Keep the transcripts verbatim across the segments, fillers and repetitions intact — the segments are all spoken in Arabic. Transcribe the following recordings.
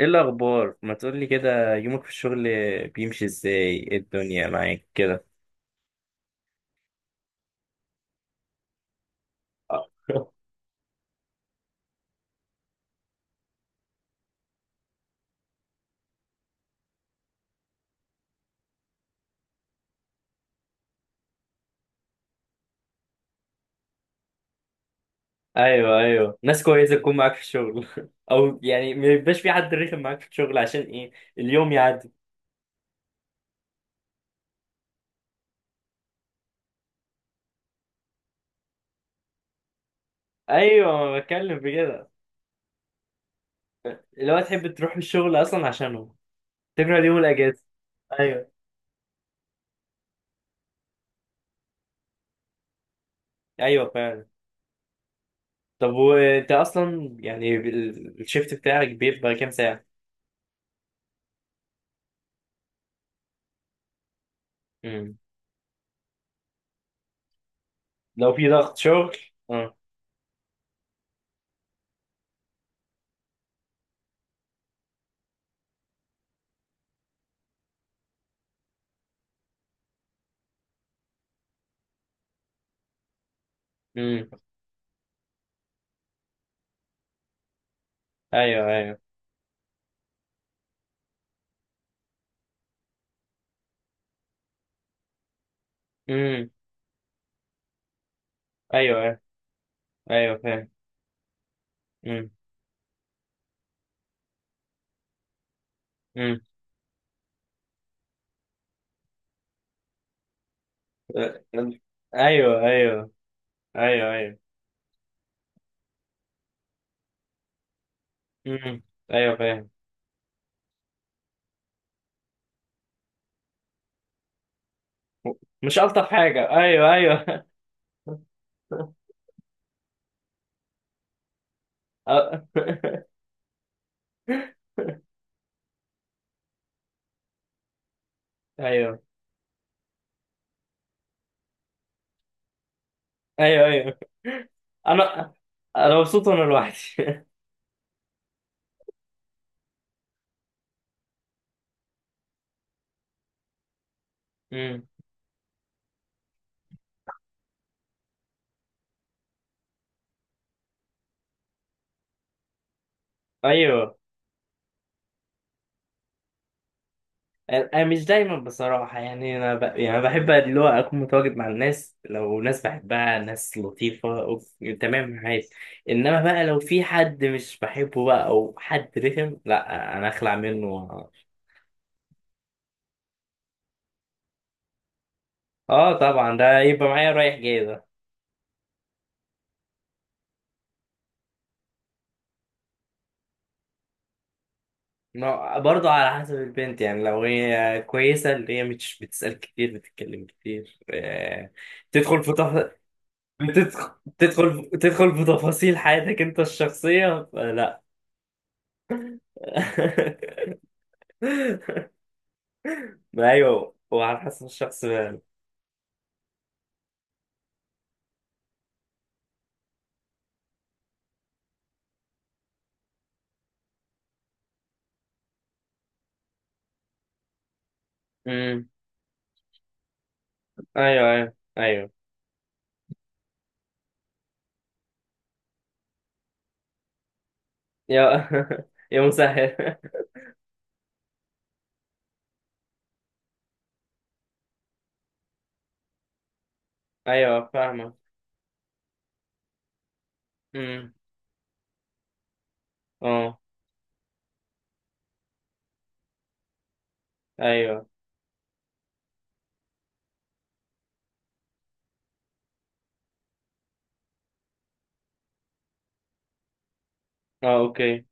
ايه الاخبار؟ ما تقولي كده، يومك في الشغل بيمشي ازاي؟ إيه الدنيا معاك كده؟ آه. ايوه، ايوه، ناس كويسه تكون معاك في الشغل او يعني ما يبقاش في حد رخم معاك في الشغل عشان ايه اليوم يعدي. ايوه، ما بتكلم بكده. اللي هو تحب تروح الشغل اصلا عشانه، تكره اليوم الاجازه. ايوه، ايوه فعلا. طب وانت اصلا يعني ال- الشيفت بتاعك بيبقى كام ساعه؟ امم. لو في ضغط شغل. اه. امم. ايوه، ايوه. امم. ايوه، أيوه. ايوه فاهم. امم، امم. ايوه، ايوه، ايوه. ايوه. امم. ايوه فاهم. مش الطف حاجه، ايوه، ايوه. أ- ايوه، ايوه، ايوه. انا انا مبسوط وانا لوحدي. امم. ايوه. انا مش دايما بصراحه، يعني انا ب... يعني بحب اللي هو اكون متواجد مع الناس، لو ناس بحبها، ناس لطيفه أوف... تمام معايا. انما بقى لو في حد مش بحبه بقى او حد رخم، لا انا اخلع منه. اه طبعا، ده يبقى معايا رايح جاي ده. ما- برضه على حسب البنت، يعني لو هي كويسه اللي هي مش بتسال كتير بتتكلم كتير آه... تدخل في تف... بتدخل تدخل تدخل في تفاصيل حياتك انت الشخصيه فلا. ما ايوه، وعلى حسب الشخص بقى. امم. ايوه، ايوه، ايوه. يا يا مسهل. ايوه فاهمه. امم. اه. ايوه. اه اوكي.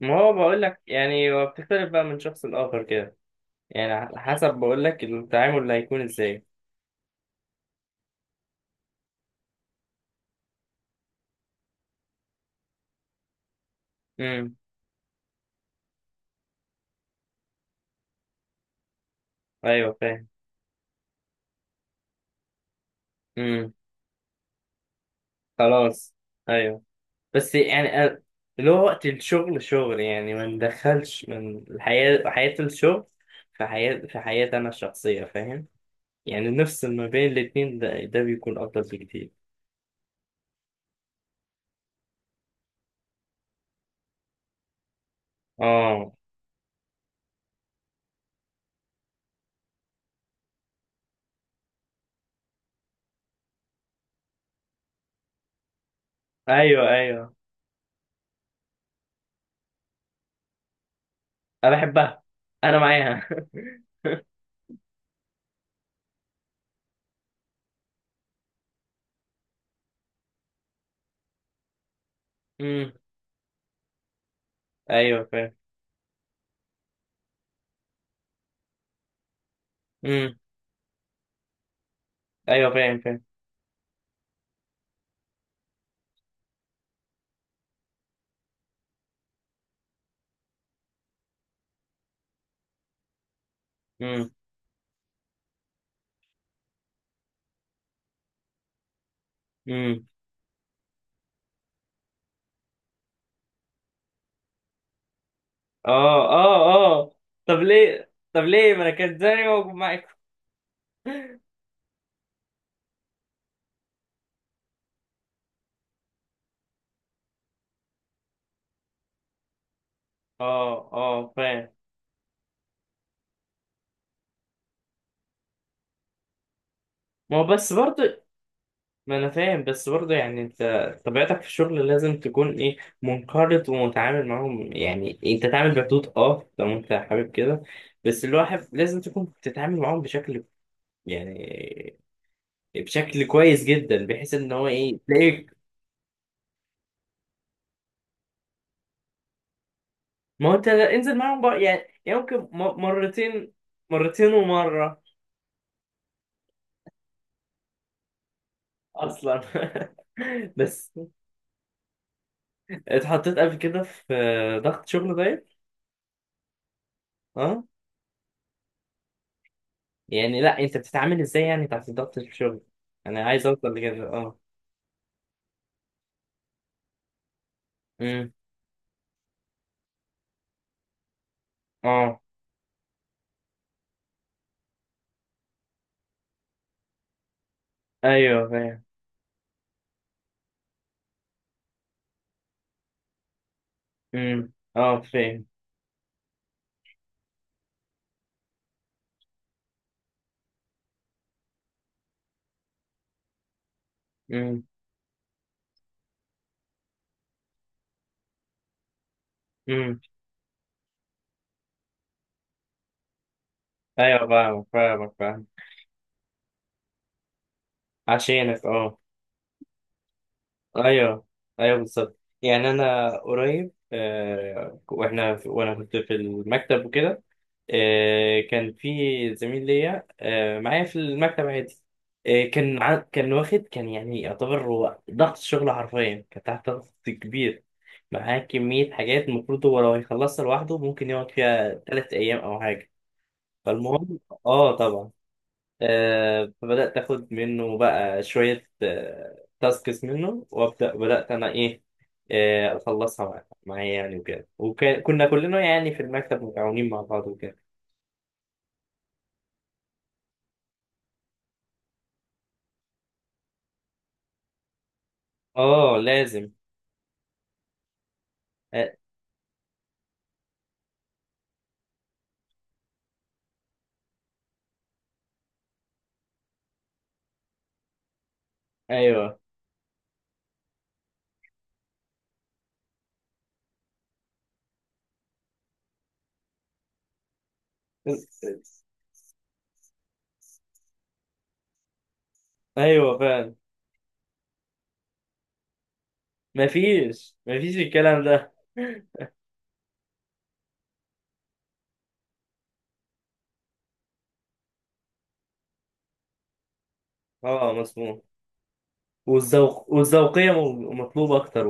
ما هو بقول لك، يعني هو بتختلف بقى من شخص لاخر كده، يعني على حسب بقول لك التعامل اللي هيكون ازاي. امم. ايوه فاهم. امم. خلاص. ايوه. بس يعني أنا- اللي هو وقت الشغل شغل، يعني ما ندخلش من الحياه حياه الشغل في حياه في حياتي انا الشخصيه، فاهم؟ يعني نفس ما بين الاتنين، ده, ده بيكون أفضل بكتير. اه. أيوه، أيوه. أنا بحبها. أنا معاها. امم. أيوه فاهم. امم. أيوه فاهم فاهم. امم. امم. اه، اه، اه. طب ليه طب ليه ما أنا كانت زي ما معاكم. اه، اه فاهم. ما هو بس برضه، ما انا فاهم بس برضه، يعني انت طبيعتك في الشغل لازم تكون ايه، منقرض ومتعامل معاهم، يعني انت تعمل بحدود اه لو انت حابب كده. بس الواحد لازم تكون بتتعامل معاهم بشكل، يعني بشكل كويس جدا، بحيث ان هو ايه تلاقيك. ما هو انت انزل معاهم بقى، يعني يعني ممكن م- مرتين، مرتين ومرة اصلا. بس اتحطيت قبل كده في ضغط شغل طيب؟ آه. يعني لا، انت بتتعامل ازاي يعني تحت ضغط الشغل، انا عايز اوصل لكده اه. امم. اه، ايوه فاهم. امم. اه فاهم. امم، امم. ايوه، فاهمك فاهمك فاهم. عشانك اه. ايوه، ايوه، بالظبط، يعني انا قريب آه واحنا في- وانا كنت في المكتب وكده. آه كان في زميل ليا آه معايا في المكتب عادي. آه كان ع- كان واخد كان يعني يعتبر هو ضغط شغل، حرفيا كان تحت ضغط كبير، معاه كمية حاجات المفروض هو لو هيخلصها لوحده ممكن يقعد فيها تلات أيام أو حاجة. فالمهم، آه طبعا. آه فبدأت آخد منه بقى شوية آه تاسكس منه، وأبدأ بدأت أنا إيه آه أخلصها مع- معايا يعني وكده، وكنا كلنا يعني في المكتب متعاونين مع بعض وكده. آه لازم. آه، أيوه، أيوه فعلا. مفيش مفيش الكلام ده. آه مظبوط. والذوق والذوقية مو- مطلوبة أكتر.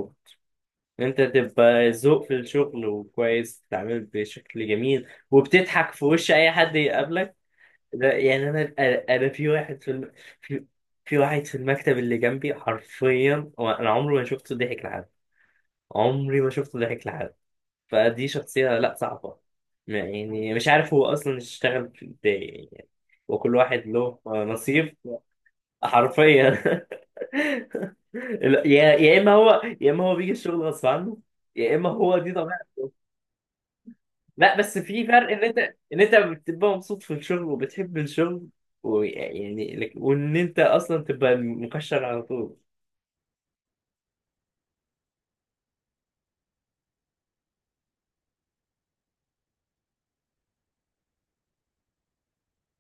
إن انت تبقى ذوق في الشغل وكويس، بتتعامل بشكل جميل وبتضحك في وش اي حد يقابلك. ده يعني انا انا في واحد في الم... في في واحد في المكتب اللي جنبي، حرفيا هو انا عمري ما شفته ضحك لحد. عمري ما شفته ضحك لحد. فدي شخصية لا صعبة. ما- يعني مش عارف هو اصلا اشتغل في ازاي يعني. وكل واحد له نصيب. حرفيا. لا، يا يا اما هو، يا اما هو بيجي الشغل غصب عنه، يا اما هو دي. لا بس في فرق ان انت ان انت بتبقى مبسوط في الشغل وبتحب الشغل، ويعني لك- وان انت اصلا تبقى مكشر على طول.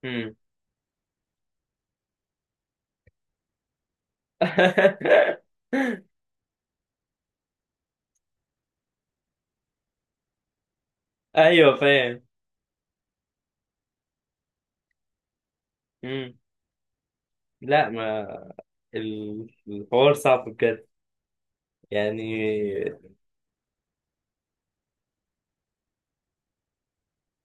امم. ايوه فاهم. امم. لا ما، ال- الحوار صعب بجد، يعني.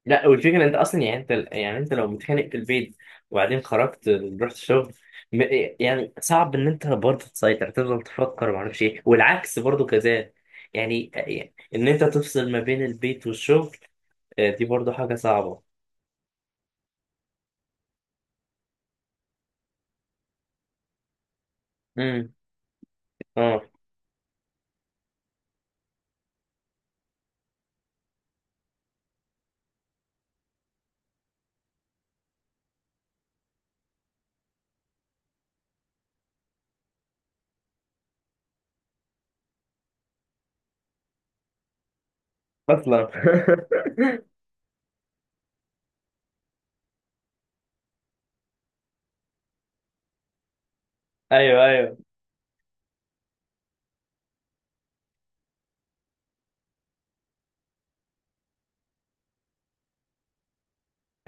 لا، والفكره انت اصلا، يعني انت يعني انت لو متخانق في البيت، وبعدين خرجت رحت الشغل، م- يعني صعب ان انت برضه تسيطر تفضل تفكر وما اعرفش ايه، والعكس برضه كذلك، يعني يعني ان انت تفصل ما بين البيت والشغل. آه، دي برضه حاجه صعبه. امم. اه اصلا. ايوه، ايوه.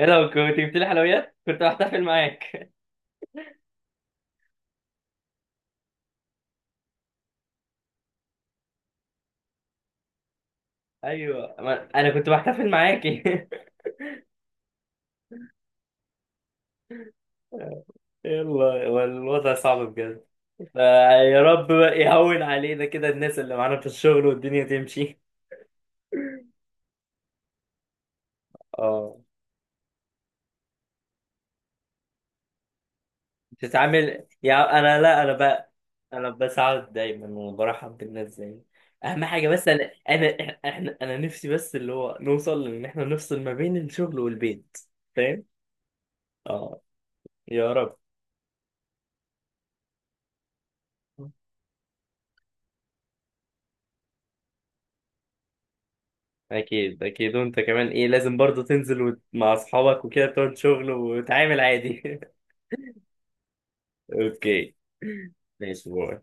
ايه لو كنت جبت لي حلويات كنت بحتفل معاك. ايوه، ما- انا كنت بحتفل معاكي. يلا، والوضع صعب بجد. فيا رب بقى يهون علينا كده الناس اللي معانا في الشغل، والدنيا تمشي. اه. بتتعامل، يا انا لا، انا بقى انا بساعد دايما وبرحب بالناس زي. اهم حاجه، بس انا انا، احنا انا نفسي بس اللي هو نوصل ان احنا نفصل ما بين الشغل والبيت، فاهم؟ اه. يا رب. اكيد، اكيد، وانت كمان ايه لازم برضه تنزل وت- مع اصحابك وكده، تقعد شغل وتعامل عادي. اوكي. ماشي، باي.